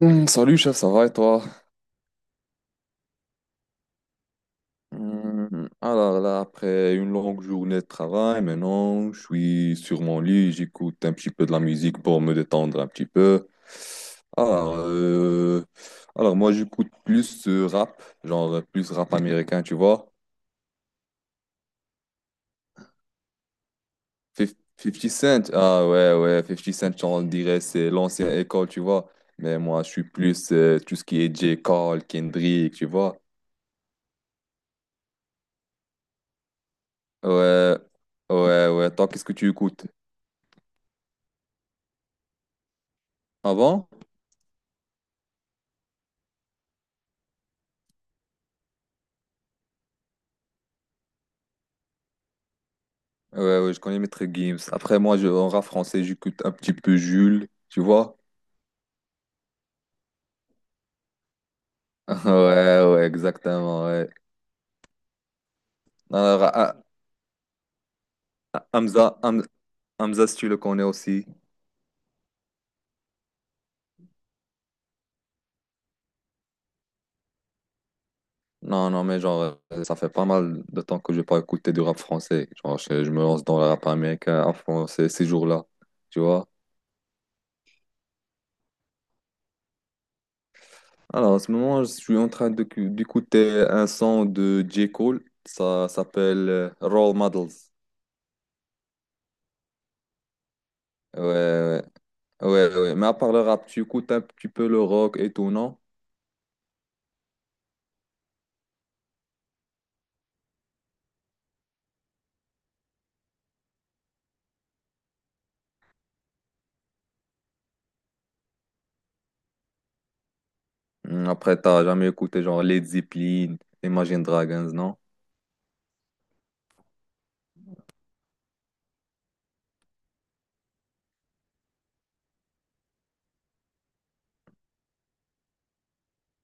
Salut chef, ça va et toi? Alors là, après une longue journée de travail, maintenant je suis sur mon lit, j'écoute un petit peu de la musique pour me détendre un petit peu. Alors, euh, alors moi j'écoute plus rap, genre plus rap américain, tu vois. 50 Cent, ah ouais, ouais, Fifty Cent, on dirait c'est l'ancienne école, tu vois. Mais moi je suis plus tout ce qui est J. Cole, Kendrick, tu vois. Ouais, ouais, ouais, toi qu'est-ce que tu écoutes? Avant? Ouais, ouais, je connais Maître Gims. Après, moi, en rap français, j'écoute un petit peu Jules, tu vois? Ouais, ouais, exactement, ouais. Alors, ah, ah, Hamza, Ham- Hamza, si tu le connais aussi. Non, non, mais genre, ça fait pas mal de temps que je n'ai pas écouté du rap français. Genre, je me lance dans le rap américain en français ces jours-là, tu vois? Alors, en ce moment, je suis d'écouter un son de J. Cole. Ça s'appelle Role Models. Ouais, ouais. Ouais, ouais, mais à part le rap, tu écoutes un petit peu le rock et tout, non? Après, t'as jamais écouté genre Led Zeppelin, Imagine Dragons, non?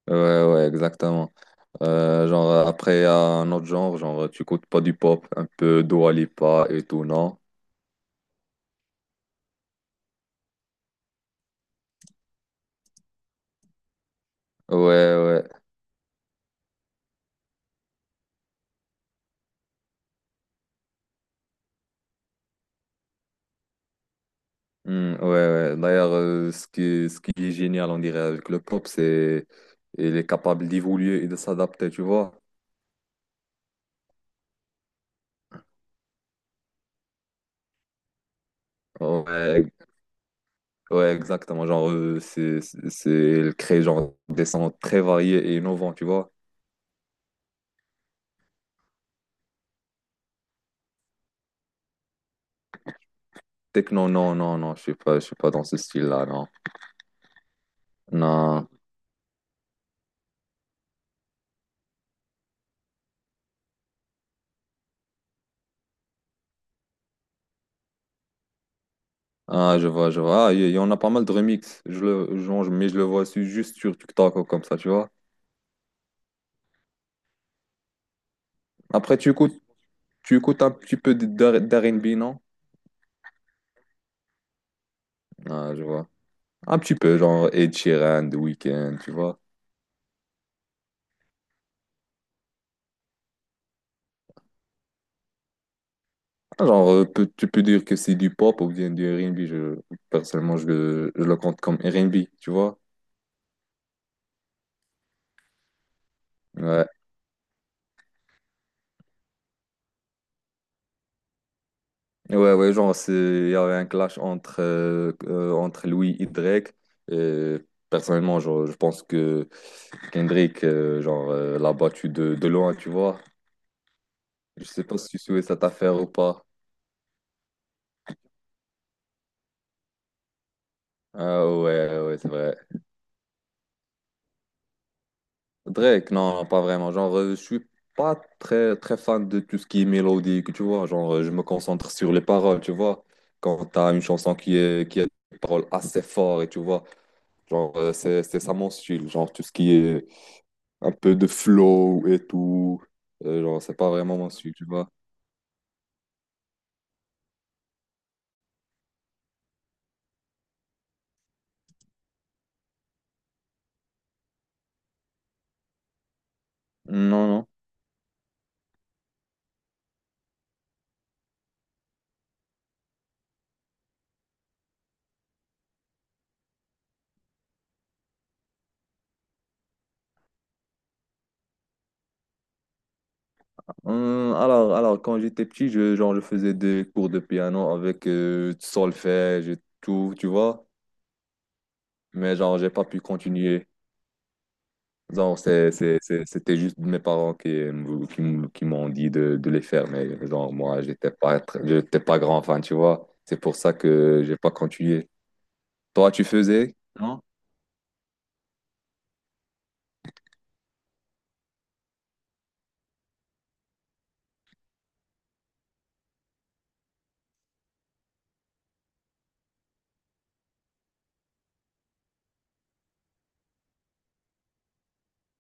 Ouais, ouais, exactement. Après, il y a un autre genre, tu écoutes pas du pop, un peu Dua Lipa et tout, non? Ouais, ouais. Ouais, ouais. D'ailleurs, ce qui est génial, on dirait, avec le pop, c'est il est capable d'évoluer et de s'adapter, tu vois? Ouais, ouais, exactement. Genre, elle crée genre des sons très variés et innovants, tu vois. Techno, non, non, non, je suis pas dans ce style-là, non. Non. Ah, je vois, je vois. Ah, il y en a pas mal de remix. Je le, genre, je- mais je le vois juste sur TikTok ou comme ça, tu vois. Après, tu écoutes un petit peu d'R&B, non? Ah, je vois. Un petit peu, genre Ed Sheeran, The Weeknd, tu vois. Tu peux dire que c'est du pop ou bien du R&B. Personnellement, je le compte comme R&B, tu vois. Ouais. Ouais, ouais, il y avait un clash entre entre Louis et Drake. Et personnellement, genre, je pense que Kendrick l'a battu de loin, tu vois. Je sais pas si tu souhaites cette affaire ou pas. Ah ouais, ouais, c'est vrai. Drake, non, non, pas vraiment. Je suis pas très, très fan de tout ce qui est mélodique, tu vois. Je me concentre sur les paroles, tu vois. Quand t'as une chanson qui a des paroles assez fortes, et tu vois. Genre, c'est ça mon style. Genre, tout ce qui est un peu de flow et tout. C'est pas vraiment mon style, tu vois. Non, non. Alors, quand j'étais petit, je faisais des cours de piano avec du solfège et tout, tu vois. Mais genre, j'ai pas pu continuer. Genre, c'était juste mes parents qui m'ont dit de les faire. Mais genre, moi, j'étais pas grand fan, tu vois. C'est pour ça que j'ai pas continué. Toi, tu faisais?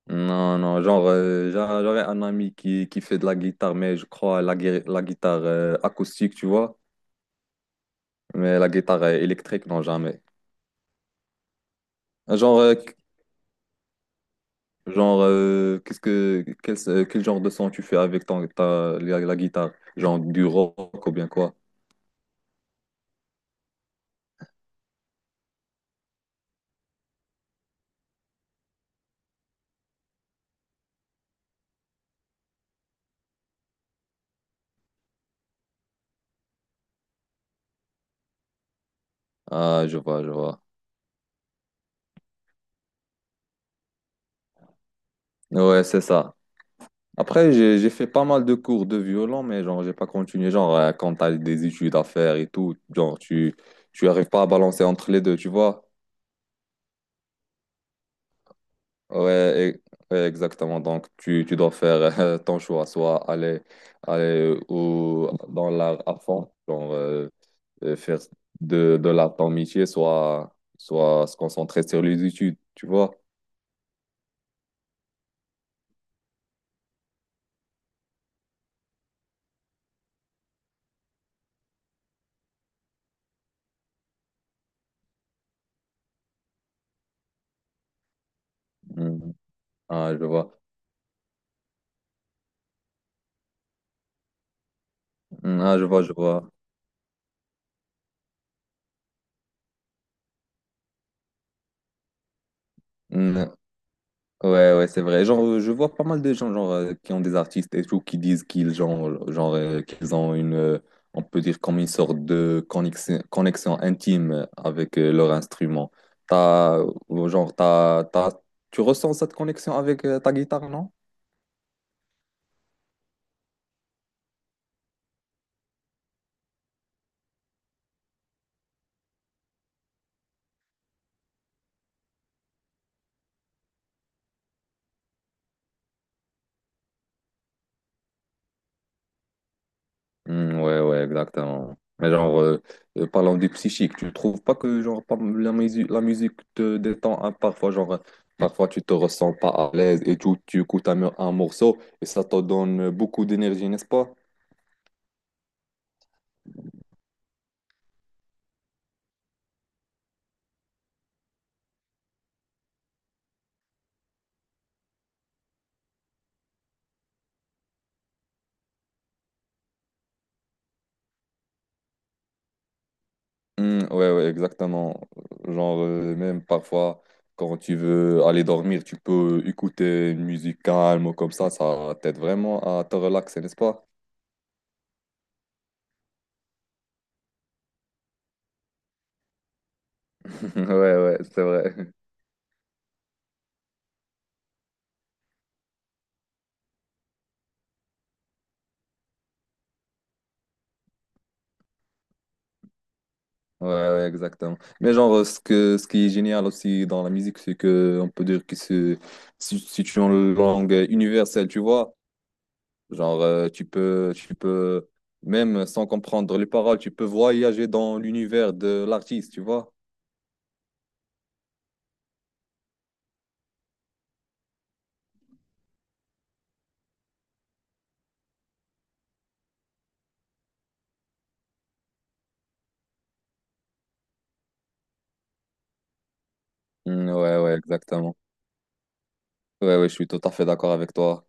Non, non, j'aurais un ami qui fait de la guitare, mais je crois la guitare acoustique, tu vois, mais la guitare électrique, non, jamais. Genre, qu- genre qu'est-ce que, quel, Quel genre de son tu fais avec la guitare? Genre du rock ou bien quoi? Ah, je vois, je vois. Ouais, c'est ça. Après, j'ai fait pas mal de cours de violon, mais genre, j'ai pas continué. Quand t'as des études à faire et tout, genre, tu arrives pas à balancer entre les deux, tu vois? Ouais, ouais, exactement. Donc, tu dois faire ton choix, soit aller ou dans l'art à fond, genre faire de l'art ton métier, soit se concentrer sur les études, tu vois. Mm. Ah, je vois. Mm. Ah, je vois, je vois. Mm. Ouais, ouais, c'est vrai. Je vois pas mal de gens qui ont des artistes et tout qui disent qu'ils ont une, on peut dire comme une sorte de connexion, connexion intime avec leur instrument. T'as, genre, t'as, t'as- Tu ressens cette connexion avec ta guitare, non? Ouais, ouais, exactement. Mais parlant du psychique, tu trouves pas que la musique te détend hein, parfois, parfois tu te ressens pas à l'aise et tout, tu écoutes un morceau et ça te donne beaucoup d'énergie, n'est-ce pas? Ouais, ouais, exactement. Même parfois, quand tu veux aller dormir, tu peux écouter une musique calme ou comme ça t'aide vraiment à te relaxer, n'est-ce pas? Ouais, ouais, c'est vrai. Ouais, ouais, exactement. Mais ce qui est génial aussi dans la musique, c'est que on peut dire que c'est si, si tu es en langue universelle, tu vois. Genre, tu peux, même sans comprendre les paroles, tu peux voyager dans l'univers de l'artiste, tu vois. Ouais, ouais, exactement. Ouais, ouais, je suis tout à fait d'accord avec toi.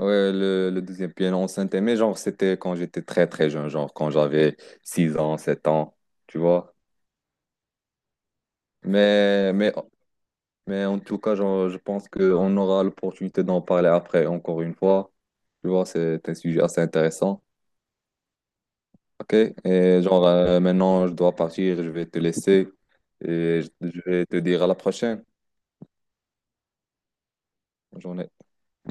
Ouais, le deuxième piano enceinte, mais genre, c'était quand j'étais très, très jeune, genre quand j'avais 6 ans, 7 ans, tu vois. Mais, mais Mais en tout cas, genre, je pense qu'on aura l'opportunité d'en parler après, encore une fois. Tu vois, c'est un sujet assez intéressant. OK? Et maintenant, je dois partir, je vais te laisser et je vais te dire à la prochaine. Bonne journée.